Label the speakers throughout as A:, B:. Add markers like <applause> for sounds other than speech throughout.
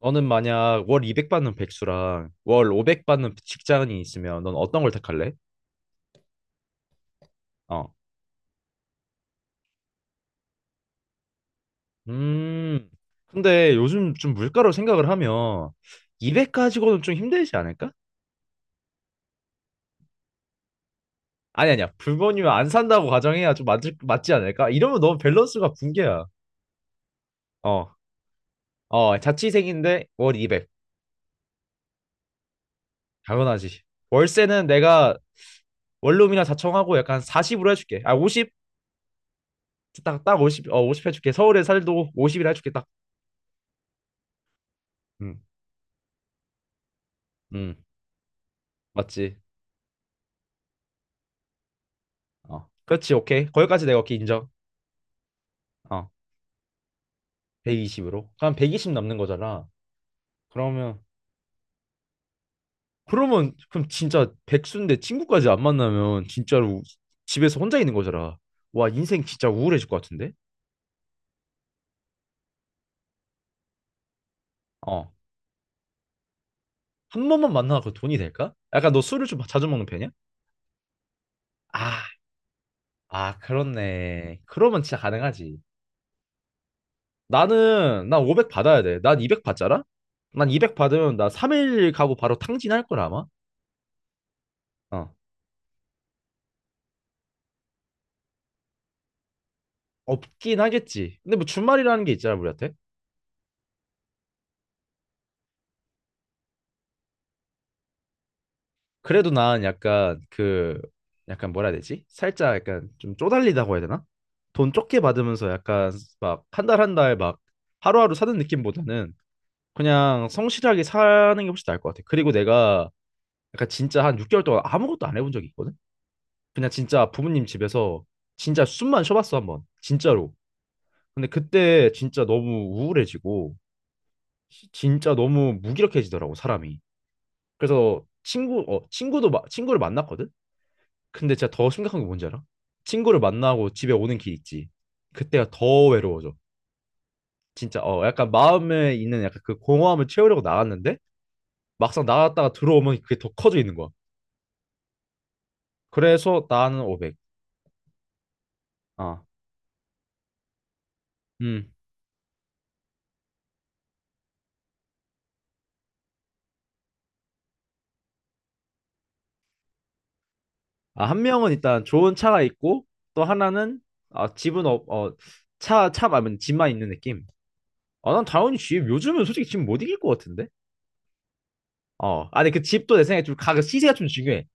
A: 너는 만약 월 200 받는 백수랑 월 500 받는 직장인이 있으면 넌 어떤 걸 택할래? 어. 음. 근데 요즘 좀 물가로 생각을 하면 200 가지고는 좀 힘들지 않을까? 아니 아니야. 불법이면 안 산다고 가정해야 좀 맞지 않을까? 이러면 너무 밸런스가 붕괴야. 어. 어, 자취생인데 월 200. 당연하지. 월세는 내가 원룸이나 자청하고 약간 40으로 해줄게. 아, 50? 딱 50, 50 해줄게. 서울에 살도 50이라 해줄게. 딱. 음. 음. 맞지. 어. 그렇지, 오케이. 거기까지 내가 오케이 인정. 어. 120으로. 그럼 120 남는 거잖아. 그러면 그러면 그럼 진짜 백수인데 친구까지 안 만나면 진짜로 집에서 혼자 있는 거잖아. 와, 인생 진짜 우울해질 것 같은데? 어. 한 번만 만나서 그 돈이 될까? 약간 너 술을 좀 자주 먹는 편이야? 아, 아, 그렇네. 그러면 진짜 가능하지. 나는 나 500 받아야 돼. 난 200 받잖아? 난 200 받으면 나 3일 가고 바로 탕진할 걸 아마. 어. 없긴 하겠지. 근데 뭐 주말이라는 게 있잖아, 우리한테. 그래도 난 약간 그 약간 뭐라 해야 되지? 살짝 약간 좀 쪼달리다고 해야 되나? 돈 적게 받으면서 약간 막 한 달 한 달 막 하루하루 사는 느낌보다는 그냥 성실하게 사는 게 훨씬 나을 것 같아. 그리고 내가 약간 진짜 한 6개월 동안 아무것도 안 해본 적이 있거든? 그냥 진짜 부모님 집에서 진짜 숨만 쉬어봤어 한 번. 진짜로. 근데 그때 진짜 너무 우울해지고 진짜 너무 무기력해지더라고 사람이. 그래서 친구 어 친구도 마, 친구를 만났거든. 근데 진짜 더 심각한 게 뭔지 알아? 친구를 만나고 집에 오는 길 있지. 그때가 더 외로워져. 진짜 약간 마음에 있는 약간 그 공허함을 채우려고 나갔는데 막상 나갔다가 들어오면 그게 더 커져 있는 거야. 그래서 나는 500. 아, 음. 아, 한 명은 일단 좋은 차가 있고 또 하나는 아 집은 없 어 차 말면 집만 있는 느낌. 아, 난 당연히 집 요즘은 솔직히 집 못 이길 것 같은데. 어. 아니 그 집도 내 생각에 좀 가격 시세가 좀 중요해.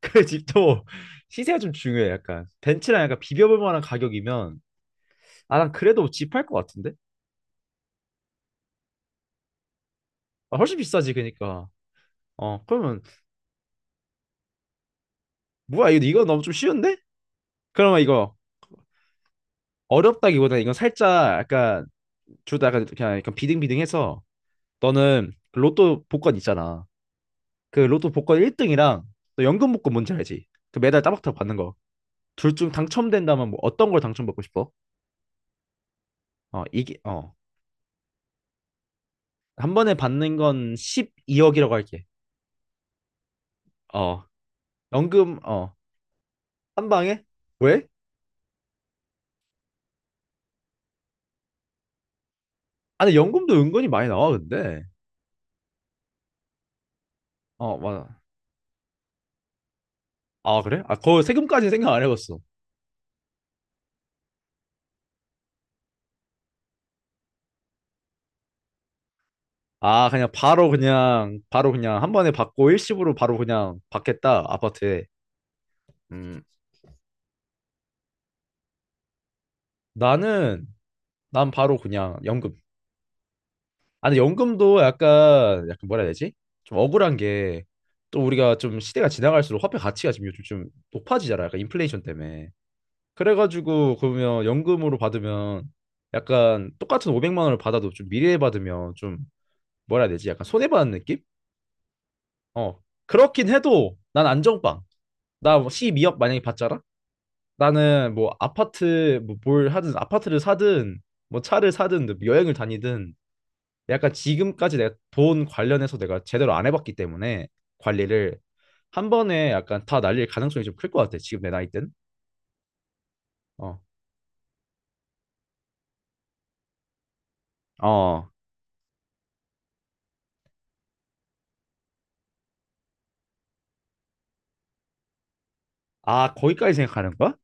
A: 그 집도 시세가 좀 중요해. 약간 벤츠랑 약간 비벼볼 만한 가격이면 아 난 그래도 집할 것 같은데. 아, 훨씬 비싸지 그니까. 그러면 뭐야 이거 너무 좀 쉬운데? 그러면 이거 어렵다기보다 이건 살짝 약간 둘다 약간 그냥 약간 비등비등해서 너는 그 로또 복권 있잖아. 그 로또 복권 1등이랑 너 연금 복권 뭔지 알지? 그 매달 따박따박 받는 거. 둘 중 당첨된다면 뭐 어떤 걸 당첨받고 싶어? 어 이게 어 한 번에 받는 건 12억이라고 할게. 어 연금 어 한 방에? 왜? 아니 연금도 은근히 많이 나와 근데. 어 맞아. 아 그래? 아 거 세금까지 생각 안 해봤어. 아 그냥 바로 그냥 바로 그냥 한 번에 받고 일시불로 바로 그냥 받겠다 아파트에. 음 나는 난 바로 그냥 연금. 아니 연금도 약간 뭐라 해야 되지? 좀 억울한 게 또 우리가 좀 시대가 지나갈수록 화폐 가치가 지금 요즘 좀 높아지잖아. 약간 인플레이션 때문에. 그래가지고 그러면 연금으로 받으면 약간 똑같은 500만 원을 받아도 좀 미래에 받으면 좀 뭐라 해야 되지? 약간 손해보는 느낌? 어. 그렇긴 해도 난 안정빵. 나뭐 C2억 만약에 받잖아? 나는 뭐 아파트 뭐 뭘 하든 아파트를 사든 뭐 차를 사든 뭐 여행을 다니든 약간 지금까지 내가 돈 관련해서 내가 제대로 안 해봤기 때문에 관리를 한 번에 약간 다 날릴 가능성이 좀 클 것 같아. 지금 내 나이 땐. 어. 어. 아, 거기까지 생각하는 거야?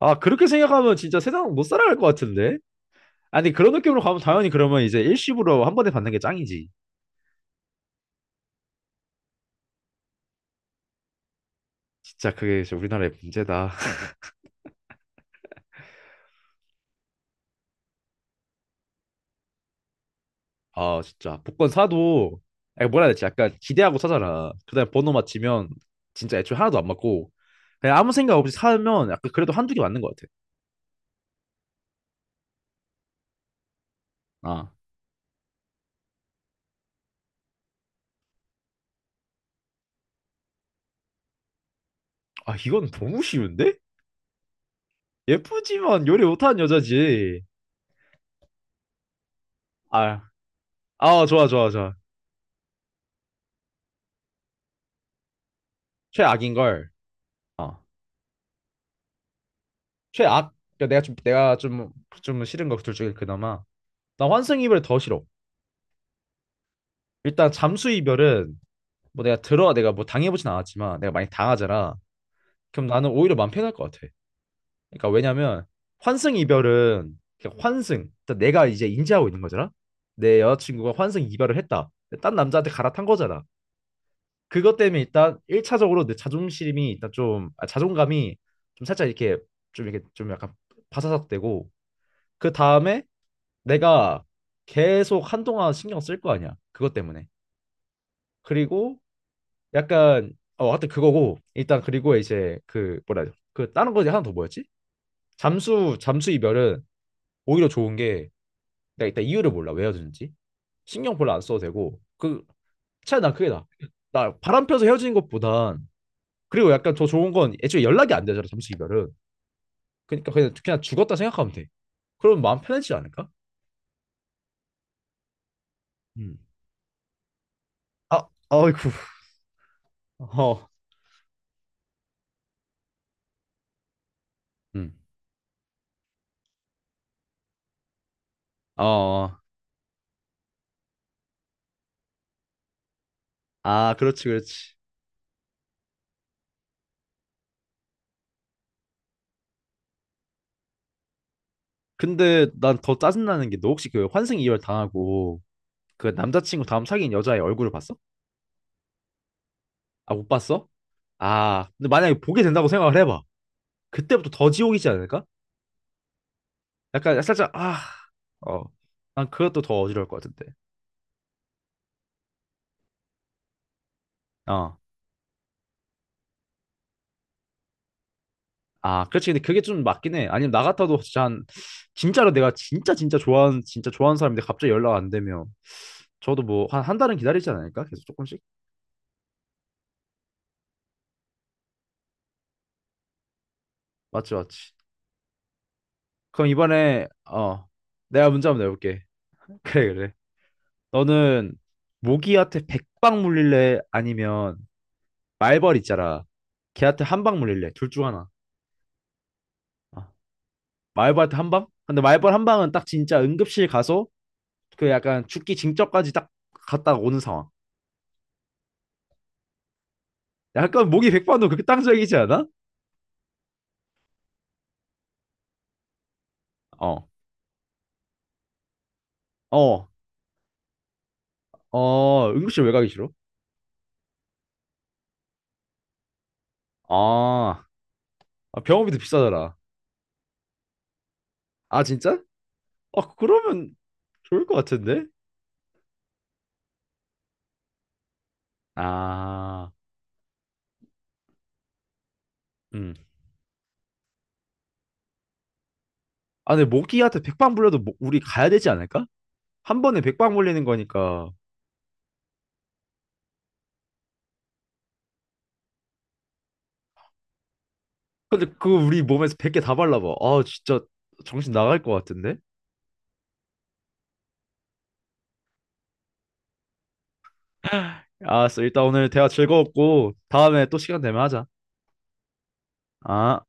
A: 아, 그렇게 생각하면 진짜 세상 못 살아갈 것 같은데? 아니, 그런 느낌으로 가면 당연히 그러면 이제 일시불로 한 번에 받는 게 짱이지. 진짜 그게 진짜 우리나라의 문제다. <laughs> 아 진짜 복권 사도 아니, 뭐라 해야 되지? 약간 기대하고 사잖아. 그다음에 번호 맞히면 진짜 애초에 하나도 안 맞고 그냥 아무 생각 없이 사면 약간 그래도 한두 개 맞는 것 같아. 아, 아, 이건 너무 쉬운데? 예쁘지만 요리 못하는 여자지. 아, 아, 좋아 좋아 좋아. 최악인 걸. 어, 최악. 그러니까 내가 좀 내가 좀 좀 싫은 거 둘 중에 그나마 나 환승 이별 더 싫어. 일단 잠수 이별은 뭐 내가 들어 내가 뭐 당해보진 않았지만 내가 많이 당하잖아. 그럼 나는 오히려 마음 편할 것 같아. 그러니까 왜냐면 환승 이별은 그냥 환승. 그러니까 내가 이제 인지하고 있는 거잖아. 내 여자친구가 환승 이별을 했다. 딴 남자한테 갈아탄 거잖아. 그것 때문에 일단 1차적으로 내 자존심이 일단 좀 아, 자존감이 좀 살짝 이렇게 좀 이렇게 좀 약간 바사삭되고 그 다음에 내가 계속 한동안 신경 쓸 거 아니야. 그것 때문에. 그리고 약간 하여튼 그거고 일단 그리고 이제 그 뭐라 해야 돼? 그 다른 거 하나 더 뭐였지? 잠수 이별은 오히려 좋은 게 내가 일단 이유를 몰라 왜 헤어지는지 신경 별로 안 써도 되고 그 차라리 난 그게 나아 나 바람 펴서 헤어지는 것보단 그리고 약간 더 좋은 건 애초에 연락이 안 되잖아 잠수 이별은 그러니까 그냥 죽었다 생각하면 돼 그럼 마음 편해지지 않을까? 음. 아, 아이고. 어. 음. 어, 아, 그렇지, 그렇지. 근데 난 더 짜증나는 게 너 혹시 그 환승 이별 당하고 그 남자친구 다음 사귄 여자의 얼굴을 봤어? 아, 못 봤어? 아, 근데 만약에 보게 된다고 생각을 해봐. 그때부터 더 지옥이지 않을까? 약간 살짝 아, 어, 난 그것도 더 어지러울 것 같은데. 어, 아, 그렇지. 근데 그게 좀 맞긴 해. 아니면 나 같아도 진짜 한, 진짜로 내가 진짜 진짜 좋아하는 진짜 좋아하는 사람인데 갑자기 연락 안 되면 저도 뭐 한 한 달은 기다리지 않을까? 계속 조금씩. 맞지, 맞지. 그럼 이번에 어, 내가 문제 한번 내볼게. <laughs> 그래, 그래. 너는 모기한테 백방 물릴래? 아니면 말벌 있잖아. 걔한테 한방 물릴래? 둘 중 하나. 어. 마이벌트 한 방? 근데 마이벌 한 방은 딱 진짜 응급실 가서 그 약간 죽기 징전까지 딱 갔다 오는 상황. 약간 목이 백반도 그렇게 땅적이지 않아? 어, 어, 어, 응급실 왜 가기 싫어? 아, 아, 병원비도 비싸더라. 아, 진짜? 아, 그러면 좋을 것 같은데? 아, 음. 아, 근데 모기한테 백방 물려도 우리 가야 되지 않을까? 한 번에 백방 물리는 거니까. 근데 그거 우리 몸에서 백개 다 발라봐. 아, 진짜 정신 나갈 것 같은데? 알았어. 일단 오늘 대화 즐거웠고, 다음에 또 시간 되면 하자. 아.